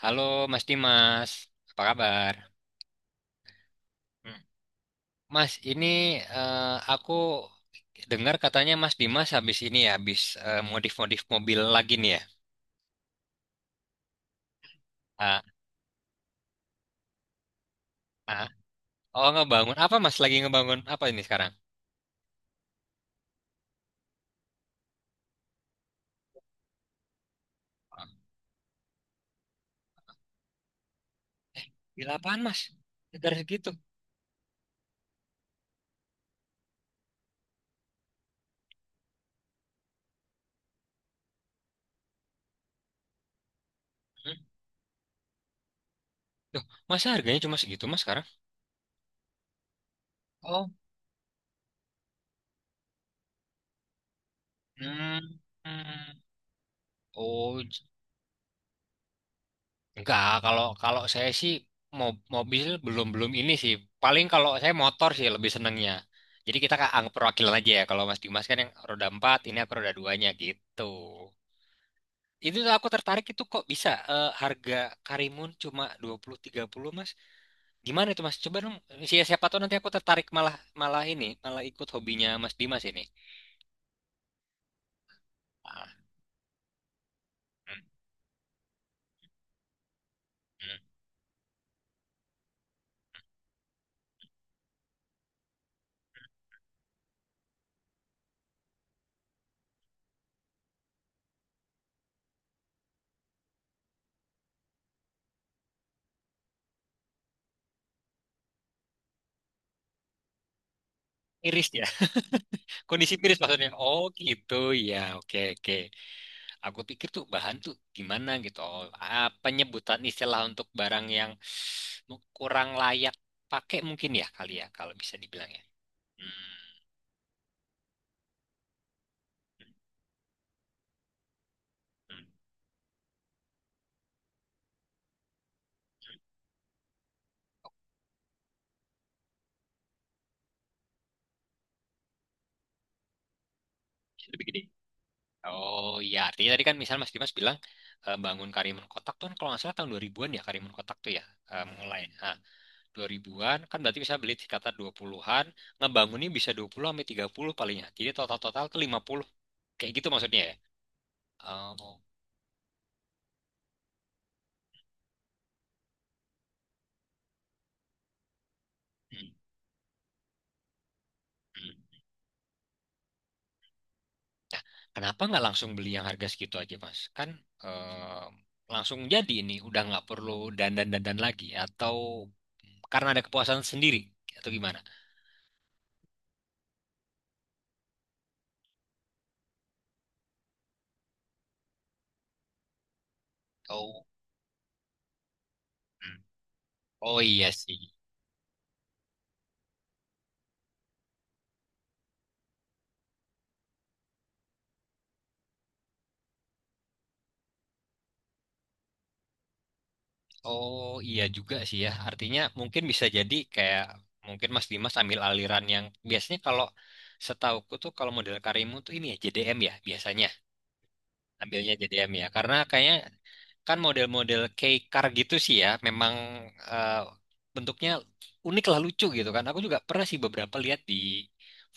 Halo Mas Dimas, apa kabar? Hmm. Mas, ini aku dengar katanya Mas Dimas habis ini ya, habis modif-modif mobil lagi nih ya. Ah, ah. Oh, ngebangun. Apa Mas lagi ngebangun? Apa ini sekarang? Eh, gila apaan Mas? Negara segitu. Hmm. Tuh, masa harganya cuma segitu Mas sekarang? Oh. Hmm. Hmm. Oh. Enggak, kalau kalau saya sih mobil belum belum ini sih. Paling kalau saya motor sih lebih senengnya. Jadi kita kan anggap perwakilan aja ya. Kalau Mas Dimas kan yang roda empat, ini aku roda duanya gitu. Itu tuh aku tertarik itu kok bisa harga Karimun cuma 20-30 Mas. Gimana itu Mas? Coba dong siapa siapa tahu nanti aku tertarik malah malah ini, malah ikut hobinya Mas Dimas ini. Ah, hmm, hmm. Miris ya. Kondisi miris maksudnya. Oh gitu ya. Oke, oke. Aku pikir tuh bahan tuh gimana gitu. Oh, ah, penyebutan istilah untuk barang yang kurang layak pakai mungkin ya kali ya kalau bisa dibilang ya. Hmm, hmm, bisa begini. Oh iya, artinya tadi kan misalnya Mas Dimas bilang bangun Karimun Kotak tuh kan kalau nggak salah tahun 2000-an ya Karimun Kotak tuh ya mulai. Nah, 2000-an kan berarti bisa beli sekitar 20-an, ngebangunnya bisa 20 sampai 30 palingnya. Jadi total-total ke 50. Kayak gitu maksudnya ya. Oh. Hmm, hmm. Nah, kenapa nggak langsung beli yang harga segitu aja, Mas? Kan eh, langsung jadi ini, udah nggak perlu dandan-dandan lagi, atau karena ada kepuasan sendiri, atau gimana? Oh, hmm. Oh iya sih. Oh iya juga sih ya. Artinya mungkin bisa jadi kayak mungkin Mas Dimas ambil aliran yang biasanya kalau setauku tuh kalau model Karimun tuh ini ya JDM ya biasanya ambilnya JDM ya karena kayaknya kan model-model kayak car gitu sih ya, memang eh, bentuknya unik lah lucu gitu kan. Aku juga pernah sih beberapa lihat di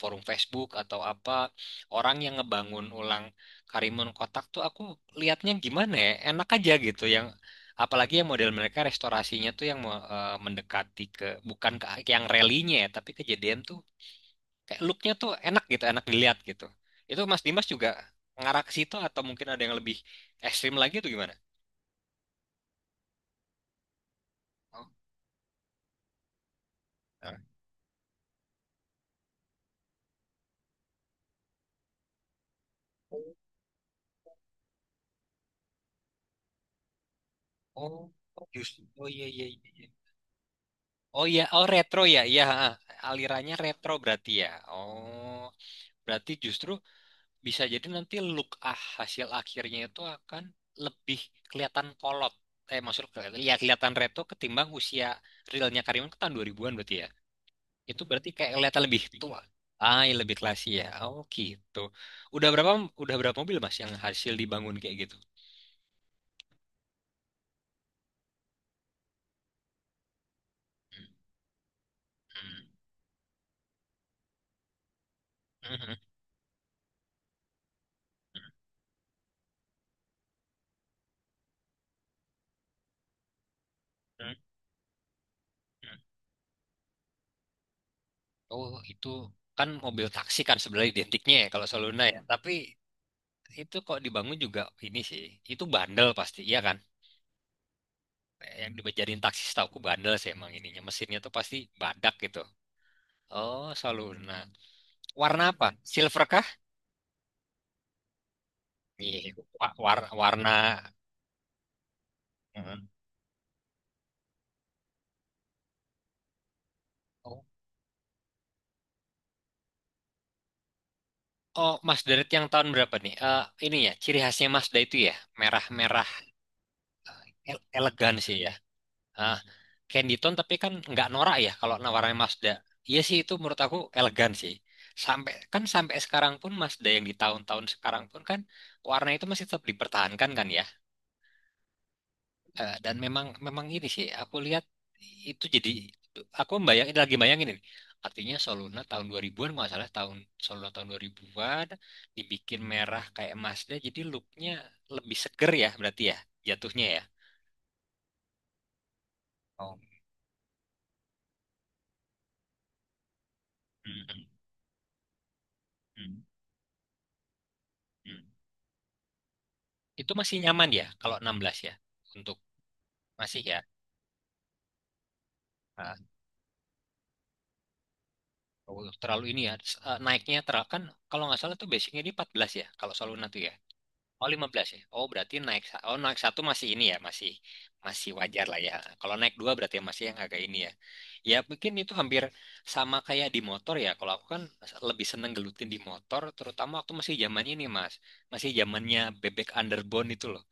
forum Facebook atau apa orang yang ngebangun ulang Karimun Kotak tuh aku lihatnya gimana ya, enak aja gitu yang apalagi yang model mereka restorasinya tuh yang mau, mendekati ke bukan ke yang relinya ya, tapi kejadian tuh kayak looknya tuh enak gitu, enak dilihat gitu. Itu Mas Dimas juga ngarah ke situ atau mungkin ada yang lebih ekstrim lagi tuh gimana? Oh. Oh, oh, justru. Oh iya, iya, iya. Iya. Oh iya, oh retro ya, iya. Ha, ha. Alirannya retro berarti ya. Oh, berarti justru bisa jadi nanti look hasil akhirnya itu akan lebih kelihatan kolot. Eh, maksud kelihatan, ya kelihatan retro ketimbang usia realnya Karimun ke tahun 2000-an berarti ya. Itu berarti kayak kelihatan lebih tua. Ah, iya, lebih klasi ya. Oh gitu. Udah berapa udah berapa mobil Mas yang hasil dibangun kayak gitu? Hmm, hmm, hmm, hmm, hmm. Hmm. Oh, itu kan mobil taksi kan sebenarnya identiknya ya kalau Soluna ya. Tapi itu kok dibangun juga ini sih. Itu bandel pasti, iya kan? Yang dibejadiin taksi setauku bandel sih emang ininya. Mesinnya tuh pasti badak gitu. Oh, Soluna. Warna apa? Silver kah? Iya, warna. Mm. Oh, oh, Mazda yang tahun berapa nih? Eh, ini ya, ciri khasnya Mazda itu ya, merah-merah, elegan sih ya. Ah, Candyton tapi kan nggak norak ya kalau nawarnya Mazda. Iya sih itu menurut aku elegan sih. Sampai kan sampai sekarang pun Mazda yang di tahun-tahun sekarang pun kan warna itu masih tetap dipertahankan kan ya. Dan memang memang ini sih aku lihat itu jadi aku bayangin lagi bayangin ini. Artinya Soluna tahun 2000-an nggak salah tahun Soluna tahun 2000-an dibikin merah kayak Mazda jadi looknya lebih seger ya berarti ya jatuhnya ya. Oh. Mm-mm. Mm-mm. Itu masih nyaman ya kalau 16 ya untuk masih ya. Ah, terlalu ini ya naiknya terlalu kan kalau nggak salah tuh basicnya di 14 ya kalau Soluna tuh ya. Oh, 15 ya. Oh berarti oh naik satu masih ini ya masih masih wajar lah ya. Kalau naik dua berarti masih yang agak ini ya. Ya mungkin itu hampir sama kayak di motor ya. Kalau aku kan lebih seneng gelutin di motor terutama waktu masih zaman ini Mas. Masih zamannya bebek underbone itu loh.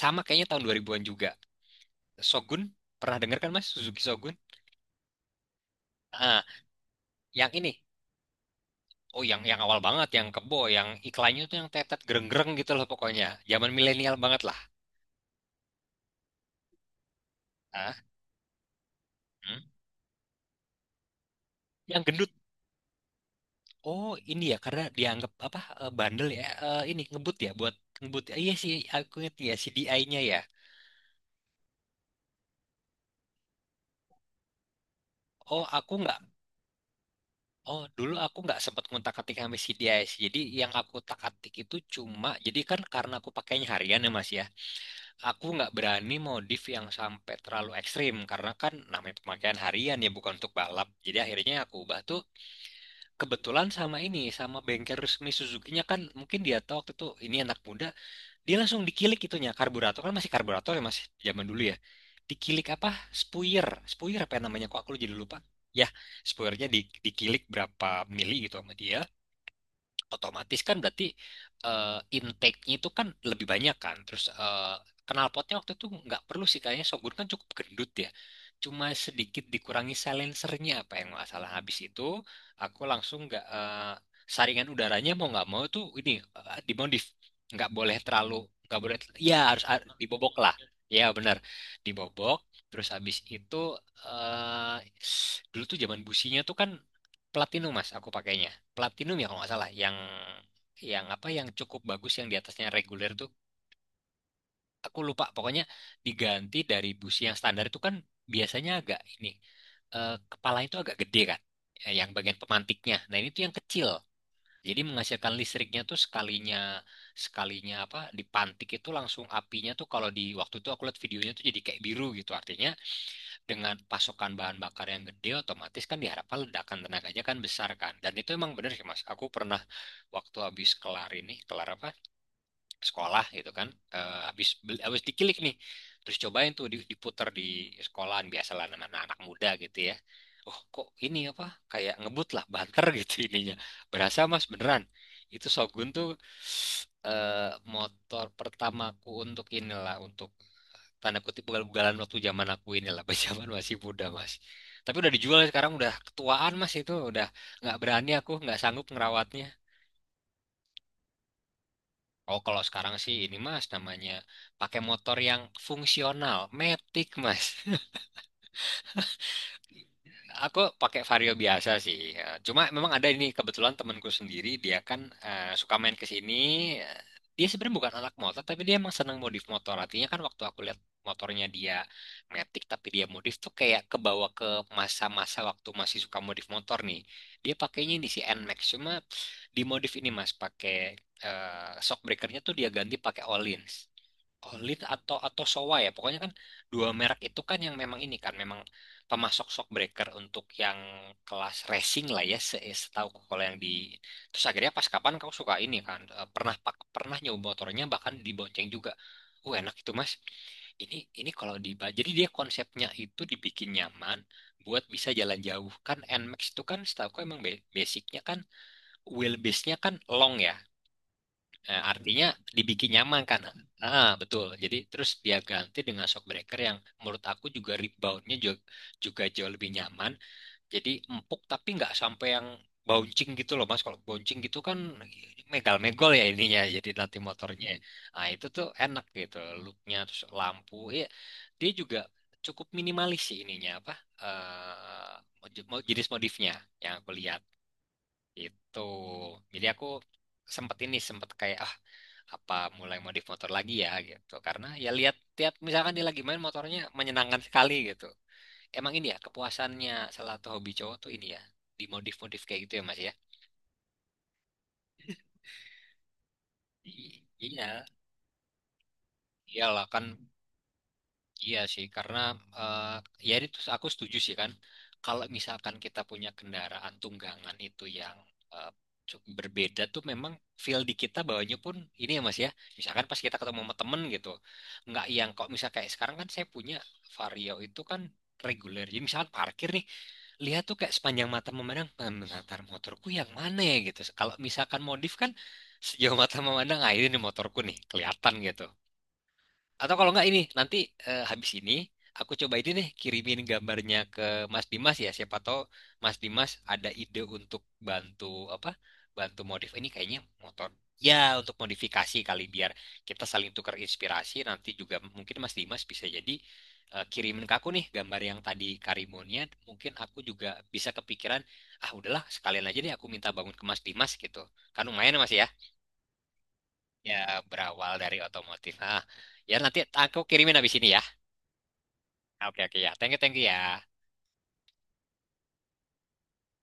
Sama kayaknya tahun 2000-an juga. Shogun pernah dengar kan Mas Suzuki Shogun? Ah, yang ini. Oh, yang awal banget, yang kebo, yang iklannya tuh yang tetet gereng-gereng gitu loh pokoknya. Zaman milenial banget lah. Hah? Hmm? Yang gendut. Oh, ini ya karena dianggap apa bandel ya. Eh, ini ngebut ya buat ngebut. Eh, iya sih, aku inget ya CDI-nya ya. Oh, aku nggak. Oh, dulu aku nggak sempat ngontak atik sama CDI sih. Jadi yang aku utak-atik itu cuma, jadi kan karena aku pakainya harian ya Mas ya. Aku nggak berani modif yang sampai terlalu ekstrim karena kan namanya pemakaian harian ya bukan untuk balap. Jadi akhirnya aku ubah tuh kebetulan sama ini sama bengkel resmi Suzuki-nya kan mungkin dia tahu waktu itu ini anak muda dia langsung dikilik itunya karburator kan masih karburator ya masih zaman dulu ya dikilik apa spuyer spuyer apa namanya kok aku jadi lupa, ya spuyernya dikilik berapa mili gitu sama dia otomatis kan berarti intake-nya itu kan lebih banyak kan. Terus knalpotnya waktu itu nggak perlu sih kayaknya Shogun kan cukup gendut ya. Cuma sedikit dikurangi silencernya apa yang nggak salah. Habis itu aku langsung nggak saringan udaranya mau nggak mau tuh ini dimodif. Nggak boleh terlalu nggak boleh ya harus dibobok lah. Ya benar dibobok. Terus habis itu eh, dulu tuh zaman businya tuh kan platinum mas aku pakainya platinum ya kalau nggak salah yang apa yang cukup bagus yang di atasnya reguler tuh aku lupa pokoknya diganti dari busi yang standar itu kan biasanya agak ini kepala itu agak gede kan yang bagian pemantiknya nah ini tuh yang kecil jadi menghasilkan listriknya tuh sekalinya sekalinya apa dipantik itu langsung apinya tuh kalau di waktu itu aku lihat videonya tuh jadi kayak biru gitu artinya dengan pasokan bahan bakar yang gede otomatis kan diharapkan ledakan tenaganya kan besar kan dan itu emang bener sih mas aku pernah waktu habis kelar ini kelar apa sekolah gitu kan habis dikilik nih terus cobain tuh diputer di sekolahan biasalah nama anak muda gitu ya oh kok ini apa kayak ngebut lah banter gitu ininya berasa mas beneran itu Shogun tuh motor pertamaku untuk inilah untuk tanda kutip ugal-ugalan waktu zaman aku inilah pas zaman masih muda mas tapi udah dijual sekarang udah ketuaan mas itu udah nggak berani aku nggak sanggup ngerawatnya. Oh kalau sekarang sih ini mas namanya pakai motor yang fungsional metik mas. Aku pakai Vario biasa sih. Ya, cuma memang ada ini kebetulan temanku sendiri dia kan suka main ke sini. Eh, Dia sebenarnya bukan anak motor tapi dia emang seneng modif motor. Artinya kan waktu aku lihat motornya dia metik tapi dia modif tuh kayak kebawa ke masa-masa waktu masih suka modif motor nih. Dia pakainya ini si NMAX cuma dimodif ini Mas pakai shock breakernya tuh dia ganti pakai Olins. Olit atau Showa ya. Pokoknya kan dua merek itu kan yang memang ini kan memang pemasok shockbreaker untuk yang kelas racing lah ya setahuku kalau yang di terus akhirnya pas kapan kau suka ini kan pernah pak pernah nyoba motornya bahkan dibonceng juga. Enak itu Mas. Ini kalau di jadi dia konsepnya itu dibikin nyaman buat bisa jalan jauh kan NMAX itu kan setahuku emang basicnya kan wheelbase-nya kan long ya. Artinya dibikin nyaman kan. Ah, betul. Jadi terus dia ganti dengan shockbreaker yang menurut aku juga reboundnya juga, juga jauh lebih nyaman. Jadi empuk tapi nggak sampai yang bouncing gitu loh Mas. Kalau bouncing gitu kan megal-megol ya ininya. Jadi nanti motornya. Nah itu tuh enak gitu. Looknya terus lampu. Ya, dia juga cukup minimalis sih ininya apa. eh, jenis modifnya yang aku lihat. Itu. Jadi aku sempet ini sempet kayak apa mulai modif motor lagi ya gitu. Karena ya lihat tiap misalkan dia lagi main motornya menyenangkan sekali gitu. Emang ini ya kepuasannya salah satu hobi cowok tuh ini ya dimodif-modif kayak gitu ya Mas ya. Iya, iyalah kan. Iya sih, karena eh, ya itu aku setuju sih kan. Kalau misalkan kita punya kendaraan tunggangan itu yang eh, cukup berbeda tuh memang feel di kita bawanya pun ini ya Mas ya. Misalkan pas kita ketemu sama temen gitu. Nggak yang kok misal kayak sekarang kan saya punya Vario itu kan reguler. Jadi misalkan parkir nih, lihat tuh kayak sepanjang mata memandang, "Hmm, latar motorku yang mana ya gitu. Kalau misalkan modif kan sejauh mata memandang, ah ini nih motorku nih, kelihatan gitu. Atau kalau nggak ini nanti habis ini aku coba ini deh kirimin gambarnya ke Mas Dimas ya. Siapa tahu Mas Dimas ada ide untuk bantu apa? Bantu modif ini kayaknya motor. Ya untuk modifikasi kali biar kita saling tukar inspirasi. Nanti juga mungkin Mas Dimas bisa jadi kirimin ke aku nih gambar yang tadi Karimunnya. Mungkin aku juga bisa kepikiran ah udahlah sekalian aja deh aku minta bangun ke Mas Dimas gitu. Kan lumayan ya, Mas ya. Ya berawal dari otomotif. Ah, ya nanti aku kirimin habis ini ya. Ah, oke, oke ya. Thank you ya.